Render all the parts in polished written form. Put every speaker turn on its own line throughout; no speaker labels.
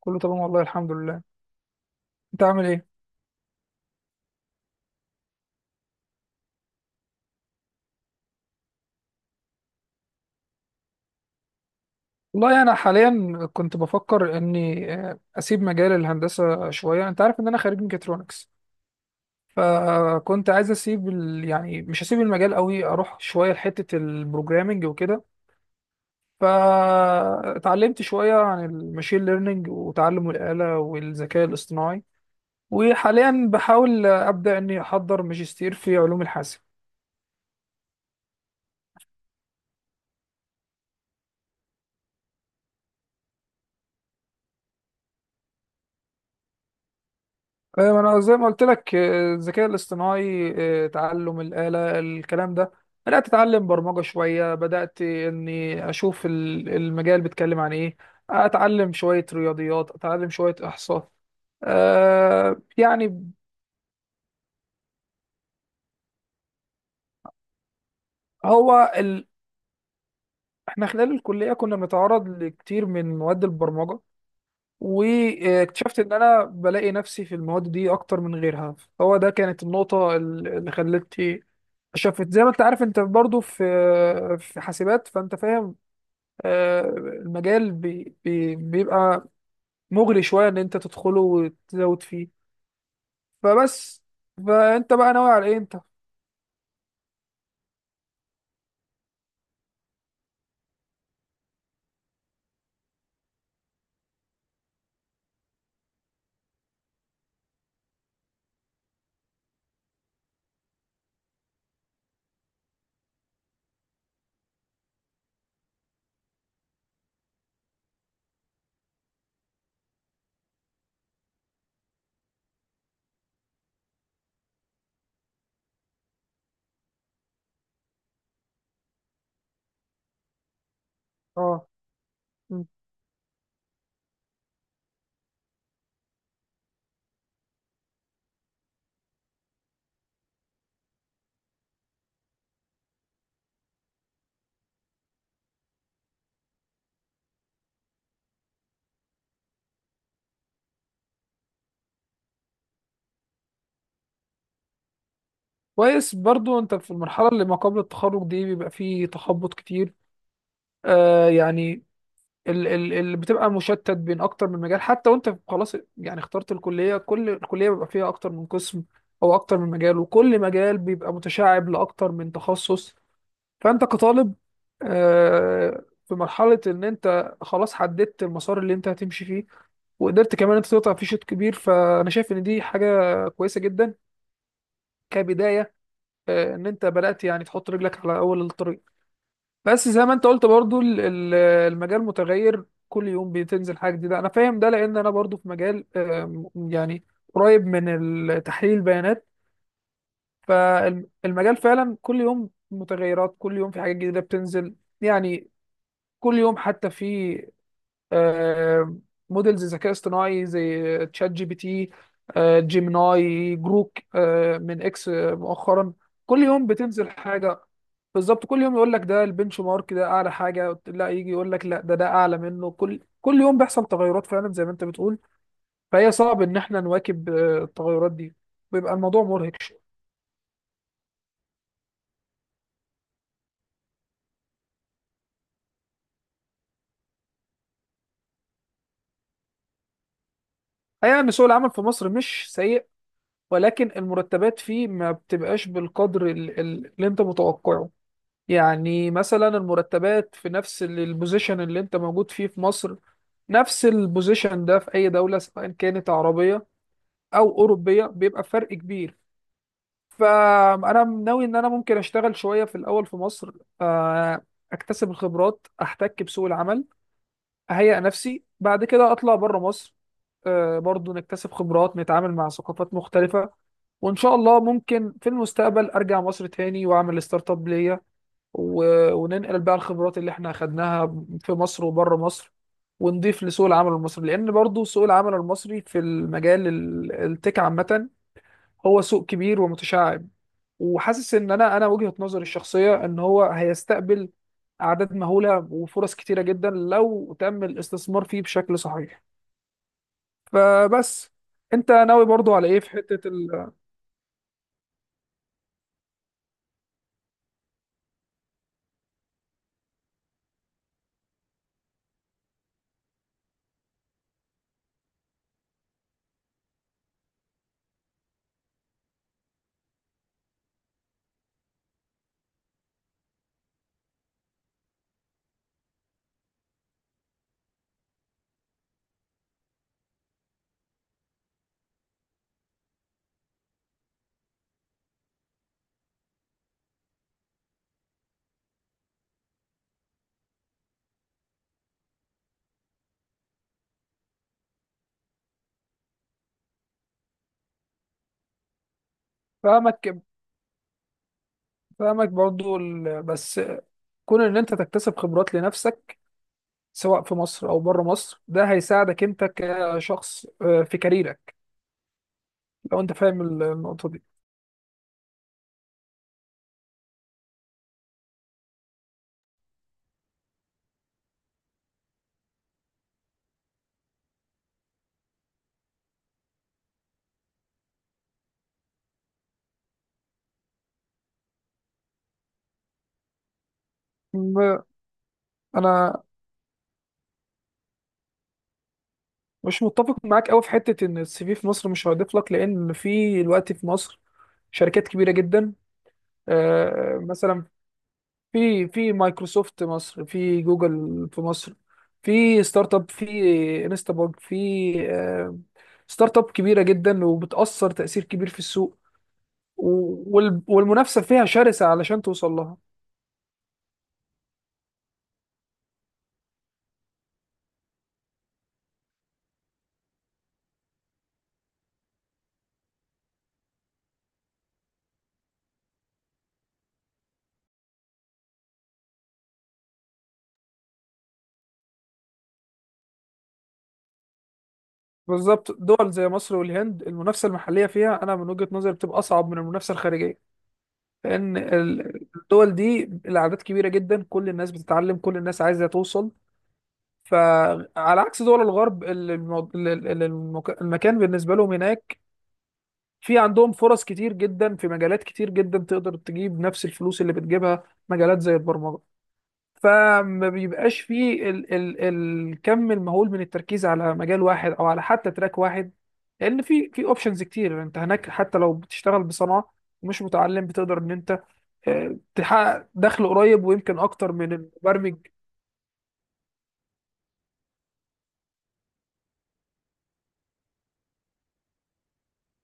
كله تمام والله الحمد لله. انت عامل ايه؟ والله انا حاليا كنت بفكر اني اسيب مجال الهندسه شويه. انت عارف ان انا خريج ميكاترونكس، فكنت عايز اسيب يعني مش هسيب المجال قوي، اروح شويه لحته البروجرامنج وكده. فاتعلمت شويه عن الماشين ليرنينج وتعلم الاله والذكاء الاصطناعي، وحاليا بحاول ابدا اني احضر ماجستير في علوم الحاسب. ايوه انا زي ما قلت لك، الذكاء الاصطناعي، تعلم الآلة الكلام ده. بدأت اتعلم برمجة شوية، بدأت اني اشوف المجال بيتكلم عن ايه، اتعلم شوية رياضيات، اتعلم شوية احصاء. يعني، هو ال... احنا خلال الكلية كنا بنتعرض لكتير من مواد البرمجة، واكتشفت ان انا بلاقي نفسي في المواد دي اكتر من غيرها. هو ده كانت النقطة اللي خلتني شفت. زي ما انت عارف، انت برضو في، في حاسبات، فانت فاهم. المجال بي بي بيبقى مغري شويه ان انت تدخله وتزود فيه. فبس، فانت بقى ناوي على ايه انت؟ اه. مم. كويس برضو انت في المرحله اللي ما قبل التخرج دي بيبقى فيه تخبط كتير. يعني، ال بتبقى مشتت بين اكتر من مجال. حتى وانت خلاص يعني اخترت الكليه، كل الكليه بيبقى فيها اكتر من قسم او اكتر من مجال، وكل مجال بيبقى متشعب لاكتر من تخصص. فانت كطالب، في مرحله ان انت خلاص حددت المسار اللي انت هتمشي فيه، وقدرت كمان انت تقطع فيه شوط كبير، فانا شايف ان دي حاجه كويسه جدا كبدايه. ان انت بدات يعني تحط رجلك على اول الطريق. بس زي ما انت قلت برضو، المجال متغير كل يوم، بتنزل حاجه جديده. انا فاهم ده لان انا برضو في مجال، يعني قريب من تحليل البيانات. فالمجال فعلا كل يوم متغيرات، كل يوم في حاجات جديده بتنزل. يعني كل يوم حتى في، آه، موديلز ذكاء اصطناعي زي تشات جي بي تي، جيميناي، جروك من اكس مؤخرا. كل يوم بتنزل حاجة. بالظبط، كل يوم يقول لك ده البنش مارك، ده اعلى حاجة، لا يجي يقول لك لا ده، ده اعلى منه. كل يوم بيحصل تغيرات فعلا زي ما انت بتقول. فهي صعب ان احنا نواكب التغيرات دي، بيبقى الموضوع مرهق شوية. الحقيقة ان سوق العمل في مصر مش سيء، ولكن المرتبات فيه ما بتبقاش بالقدر اللي انت متوقعه. يعني مثلا المرتبات في نفس البوزيشن اللي انت موجود فيه في مصر، نفس البوزيشن ده في اي دولة سواء كانت عربية او اوروبية، بيبقى فرق كبير. فانا ناوي ان انا ممكن اشتغل شوية في الاول في مصر، آه، اكتسب الخبرات، احتك بسوق العمل، اهيئ نفسي، بعد كده اطلع بره مصر، برضو نكتسب خبرات، نتعامل مع ثقافات مختلفة. وان شاء الله ممكن في المستقبل ارجع مصر تاني واعمل ستارت اب ليا، وننقل بقى الخبرات اللي احنا اخدناها في مصر وبره مصر ونضيف لسوق العمل المصري. لان برضو سوق العمل المصري في المجال التك عامة، هو سوق كبير ومتشعب، وحاسس ان انا وجهة نظري الشخصية ان هو هيستقبل اعداد مهولة وفرص كتيرة جدا لو تم الاستثمار فيه بشكل صحيح. فبس، انت ناوي برضو على ايه في حتة فاهمك، فاهمك برضو بس كون ان انت تكتسب خبرات لنفسك سواء في مصر او بره مصر، ده هيساعدك انت كشخص في كاريرك. لو انت فاهم النقطه دي. م- انا مش متفق معاك قوي في حته ان السي في في مصر مش هيضيف لك، لان في الوقت في مصر شركات كبيره جدا. مثلا في، في مايكروسوفت مصر، في جوجل في مصر، في ستارت اب، في انستاباج، في آه، ستارت اب كبيره جدا وبتاثر تاثير كبير في السوق. والمنافسه فيها شرسه علشان توصل لها. بالظبط، دول زي مصر والهند المنافسة المحلية فيها، أنا من وجهة نظري بتبقى أصعب من المنافسة الخارجية، لأن الدول دي الأعداد كبيرة جدا، كل الناس بتتعلم، كل الناس عايزة توصل. فعلى عكس دول الغرب، المكان بالنسبة لهم هناك في عندهم فرص كتير جدا، في مجالات كتير جدا تقدر تجيب نفس الفلوس اللي بتجيبها، مجالات زي البرمجة. فما بيبقاش فيه ال ال الكم المهول من التركيز على مجال واحد او على حتى تراك واحد، لان في، في اوبشنز كتير انت هناك. حتى لو بتشتغل بصنعه ومش متعلم، بتقدر ان انت تحقق دخل قريب ويمكن اكتر من المبرمج.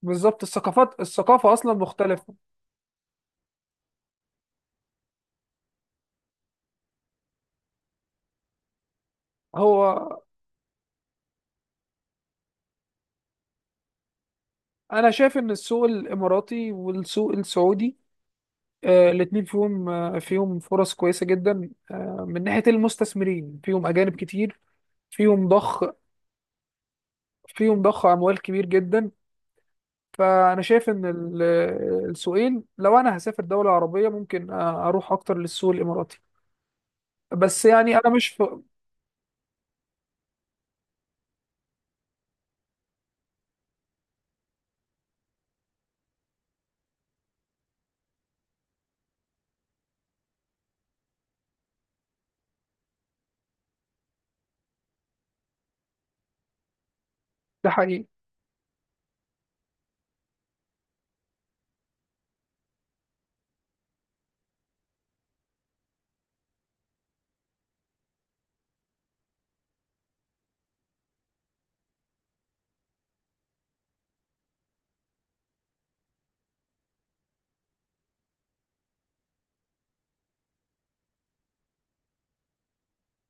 بالظبط، الثقافه اصلا مختلفه. هو انا شايف ان السوق الاماراتي والسوق السعودي، الاتنين فيهم، فيهم فرص كويسه جدا. من ناحيه المستثمرين فيهم اجانب كتير، فيهم ضخ، فيهم ضخ اموال كبير جدا. فانا شايف ان السوقين، لو انا هسافر دوله عربيه ممكن اروح اكتر للسوق الاماراتي. بس يعني انا مش ده حقيقي.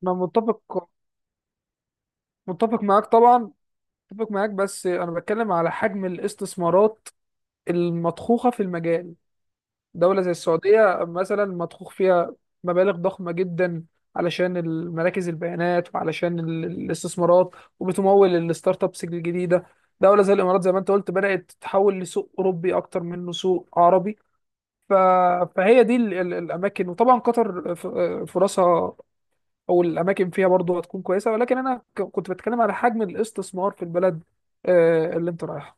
انا متفق، متفق معاك طبعا. متفق معاك بس انا بتكلم على حجم الاستثمارات المضخوخه في المجال. دولة زي السعودية مثلا مضخوخ فيها مبالغ ضخمة جدا علشان المراكز البيانات، وعلشان الاستثمارات، وبتمول الستارت ابس الجديدة. دولة زي الإمارات زي ما أنت قلت بدأت تتحول لسوق أوروبي أكتر منه سوق عربي. ف... فهي دي الأماكن، وطبعا قطر فرصها أو الأماكن فيها برضه هتكون كويسة، ولكن أنا كنت بتكلم على حجم الاستثمار في البلد اللي أنت رايحها.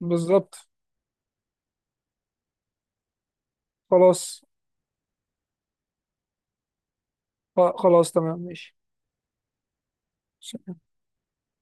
بالظبط. خلاص، خلاص تمام. ماشي.